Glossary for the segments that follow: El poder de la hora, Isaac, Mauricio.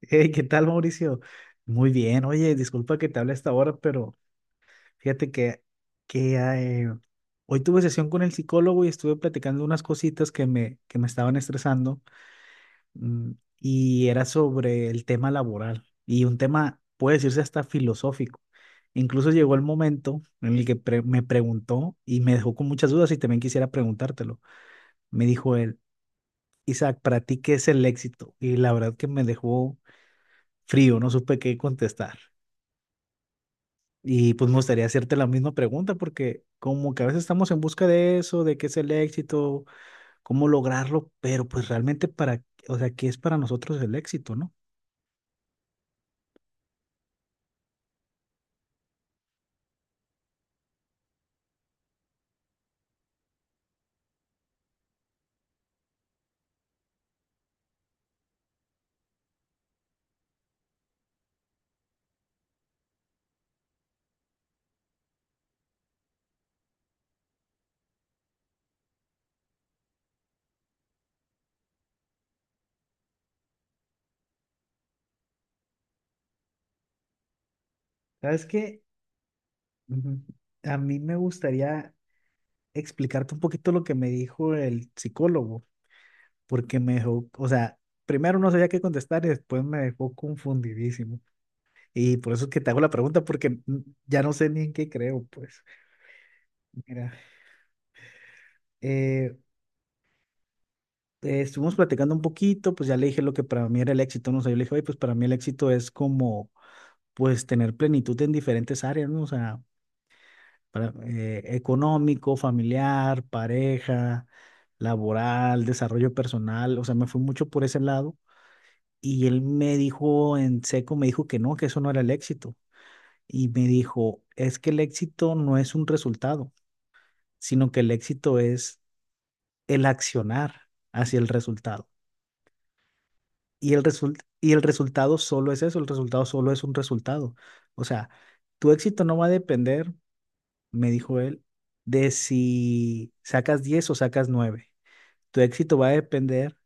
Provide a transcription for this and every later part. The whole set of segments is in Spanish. Hey, ¿qué tal, Mauricio? Muy bien. Oye, disculpa que te hable a esta hora, pero fíjate que hoy tuve sesión con el psicólogo y estuve platicando unas cositas que me estaban estresando mm, y era sobre el tema laboral y un tema, puede decirse, hasta filosófico. Incluso llegó el momento en el que me preguntó y me dejó con muchas dudas y también quisiera preguntártelo. Me dijo él, Isaac, ¿para ti qué es el éxito? Y la verdad que me dejó frío, no supe qué contestar. Y pues me gustaría hacerte la misma pregunta porque como que a veces estamos en busca de eso, de qué es el éxito, cómo lograrlo, pero pues realmente o sea, ¿qué es para nosotros el éxito, no? ¿Sabes qué? Ujú. A mí me gustaría explicarte un poquito lo que me dijo el psicólogo, porque me dejó, o sea, primero no sabía qué contestar y después me dejó confundidísimo. Y por eso es que te hago la pregunta porque ya no sé ni en qué creo, pues. Mira, eh, estuvimos platicando un poquito, pues ya le dije lo que para mí era el éxito, ¿no? O sea, yo le dije, oye, pues para mí el éxito es como, pues tener plenitud en diferentes áreas, ¿no? O sea, económico, familiar, pareja, laboral, desarrollo personal, o sea, me fui mucho por ese lado. Y él me dijo en seco, me dijo que no, que eso no era el éxito. Y me dijo, es que el éxito no es un resultado, sino que el éxito es el accionar hacia el resultado. Y el resultado solo es eso, el resultado solo es un resultado. O sea, tu éxito no va a depender, me dijo él, de si sacas 10 o sacas nueve. Tu éxito va a depender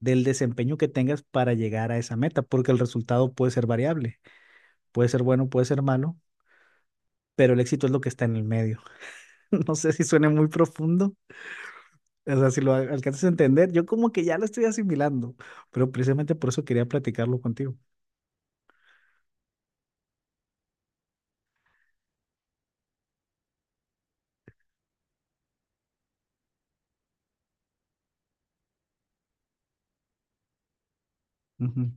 del desempeño que tengas para llegar a esa meta, porque el resultado puede ser variable, puede ser bueno, puede ser malo, pero el éxito es lo que está en el medio. No sé si suena muy profundo, o sea, si lo alcanzas a entender, yo como que ya lo estoy asimilando, pero precisamente por eso quería platicarlo contigo. Ujú.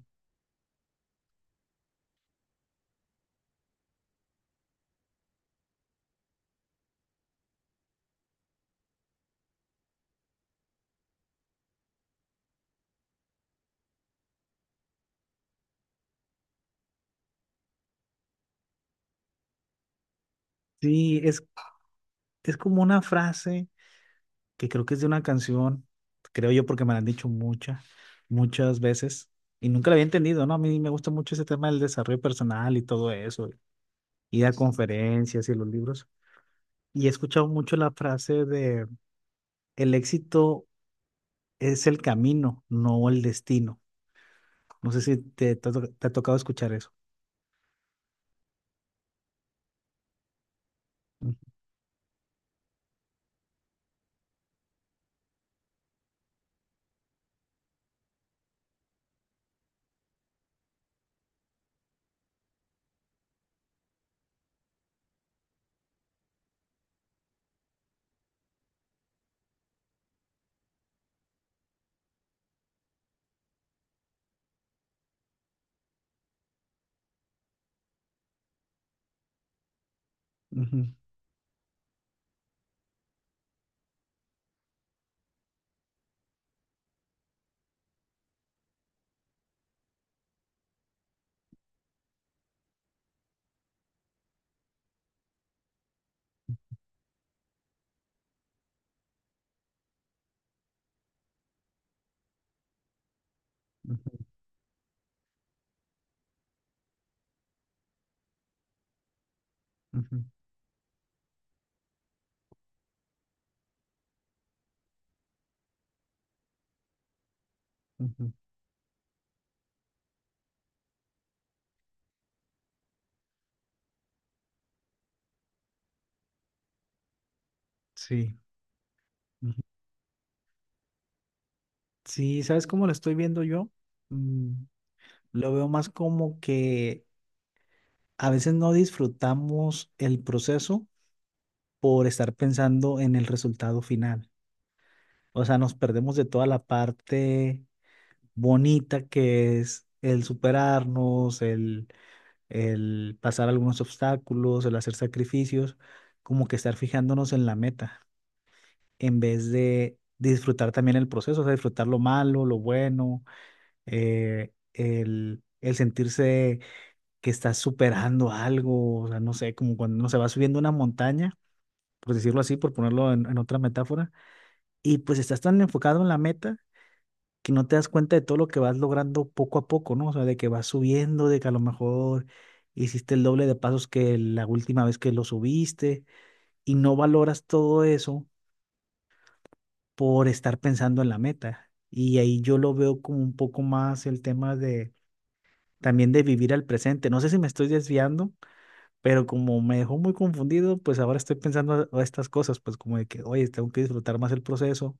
Sí, es como una frase que creo que es de una canción, creo yo porque me la han dicho muchas, muchas veces y nunca la había entendido, ¿no? A mí me gusta mucho ese tema del desarrollo personal y todo eso, ir a conferencias y los libros. Y he escuchado mucho la frase de el éxito es el camino, no el destino. No sé si te ha tocado escuchar eso. Ujú, ujú, ujú, ujú, ujú. Sí. Ujú. Sí, ¿sabes cómo lo estoy viendo yo? Mm, lo veo más como que a veces no disfrutamos el proceso por estar pensando en el resultado final. O sea, nos perdemos de toda la parte bonita que es el superarnos, el pasar algunos obstáculos, el hacer sacrificios, como que estar fijándonos en la meta, en vez de disfrutar también el proceso, o sea, disfrutar lo malo, lo bueno, el sentirse que estás superando algo, o sea, no sé, como cuando uno se va subiendo una montaña por decirlo así, por ponerlo en otra metáfora, y pues estás tan enfocado en la meta que no te das cuenta de todo lo que vas logrando poco a poco, ¿no? O sea, de que vas subiendo, de que a lo mejor hiciste el doble de pasos que la última vez que lo subiste y no valoras todo eso por estar pensando en la meta. Y ahí yo lo veo como un poco más el tema de también de vivir al presente. No sé si me estoy desviando, pero como me dejó muy confundido, pues ahora estoy pensando a estas cosas, pues como de que, oye, tengo que disfrutar más el proceso.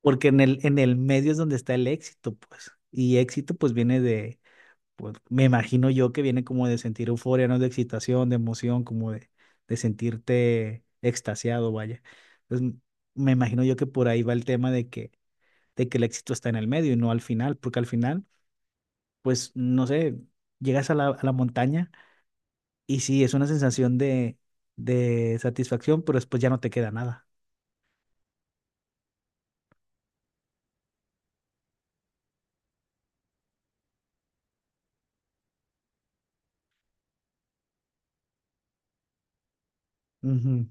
Porque en el medio es donde está el éxito, pues. Y éxito, pues, pues, me imagino yo que viene como de sentir euforia, ¿no? De excitación, de emoción, como de sentirte extasiado, vaya. Entonces, me imagino yo que por ahí va el tema de que el éxito está en el medio y no al final, porque al final, pues, no sé, llegas a la montaña y sí, es una sensación de satisfacción, pero después ya no te queda nada. Ujú.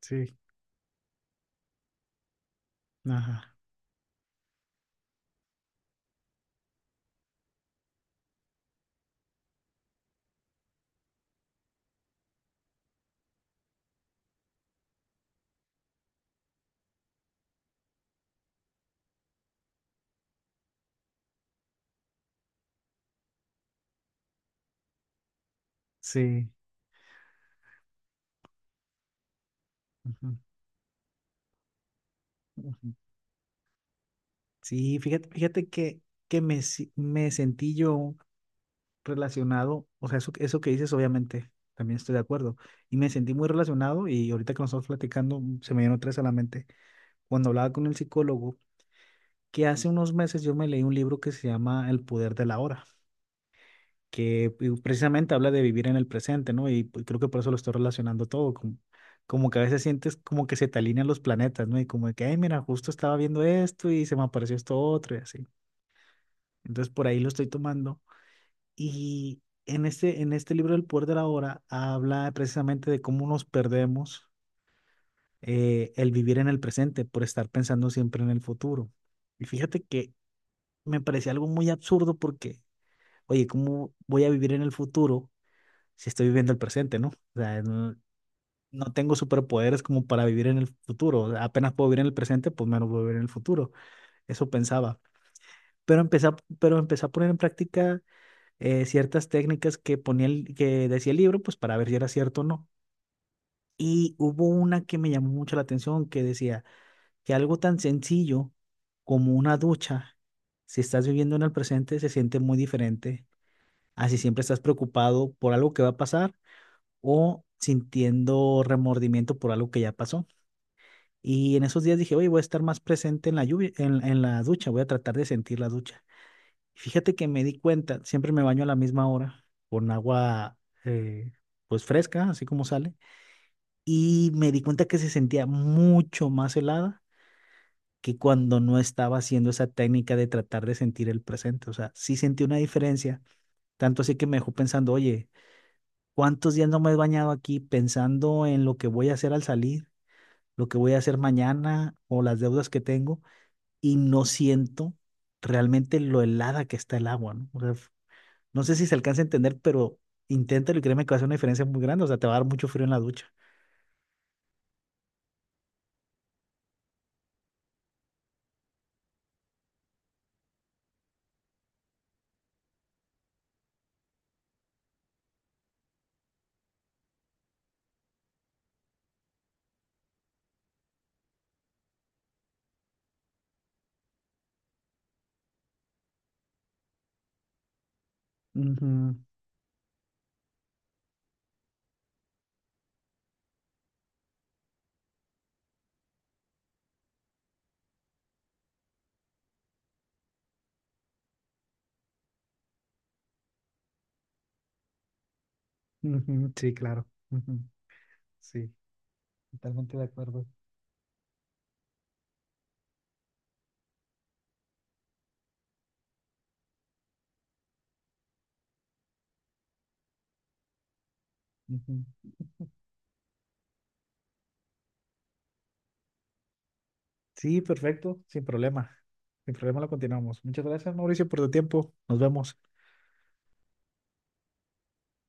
Sí, ajá, sí. Ujú, ujú. Sí, fíjate, fíjate que me, si- me sentí yo relacionado, o sea, eso que dices, obviamente, también estoy de acuerdo, y me sentí muy relacionado y ahorita que nos estamos platicando, se me vino tres a la mente, cuando hablaba con el psicólogo, que hace unos meses yo me leí un libro que se llama El poder de la hora, que precisamente habla de vivir en el presente, ¿no? Y pues, creo que por eso lo estoy relacionando todo, como que a veces sientes como que se te alinean los planetas, ¿no? Y como de que, ay, mira, justo estaba viendo esto y se me apareció esto otro y así. Entonces por ahí lo estoy tomando. Y en este libro El poder de la hora habla precisamente de cómo nos perdemos el vivir en el presente por estar pensando siempre en el futuro. Y fíjate que me parecía algo muy absurdo porque, oye, ¿cómo voy a vivir en el futuro si estoy viviendo el presente, no? O sea, no, no tengo superpoderes como para vivir en el futuro. O sea, apenas puedo vivir en el presente, pues menos puedo vivir en el futuro. Eso pensaba. Pero empecé a poner en práctica ciertas técnicas que que decía el libro, pues para ver si era cierto o no. Y hubo una que me llamó mucho la atención que decía que algo tan sencillo como una ducha, si estás viviendo en el presente, se siente muy diferente a si siempre estás preocupado por algo que va a pasar o sintiendo remordimiento por algo que ya pasó. Y en esos días dije, oye, voy a estar más presente en la lluvia, en la ducha, voy a tratar de sentir la ducha. Fíjate que me di cuenta, siempre me baño a la misma hora con agua eh, pues fresca, así como sale, y me di cuenta que se sentía mucho más helada que cuando no estaba haciendo esa técnica de tratar de sentir el presente. O sea, sí sentí una diferencia, tanto así que me dejó pensando, oye, ¿cuántos días no me he bañado aquí pensando en lo que voy a hacer al salir, lo que voy a hacer mañana o las deudas que tengo y no siento realmente lo helada que está el agua? ¿No? O sea, no sé si se alcanza a entender, pero inténtalo y créeme que va a hacer una diferencia muy grande. O sea, te va a dar mucho frío en la ducha. Ujú, ujú, sí, claro. Ujú, sí, totalmente de acuerdo. Ujú. Sí, perfecto, sin problema. Sin problema lo continuamos. Muchas gracias, Mauricio, por tu tiempo. Nos vemos.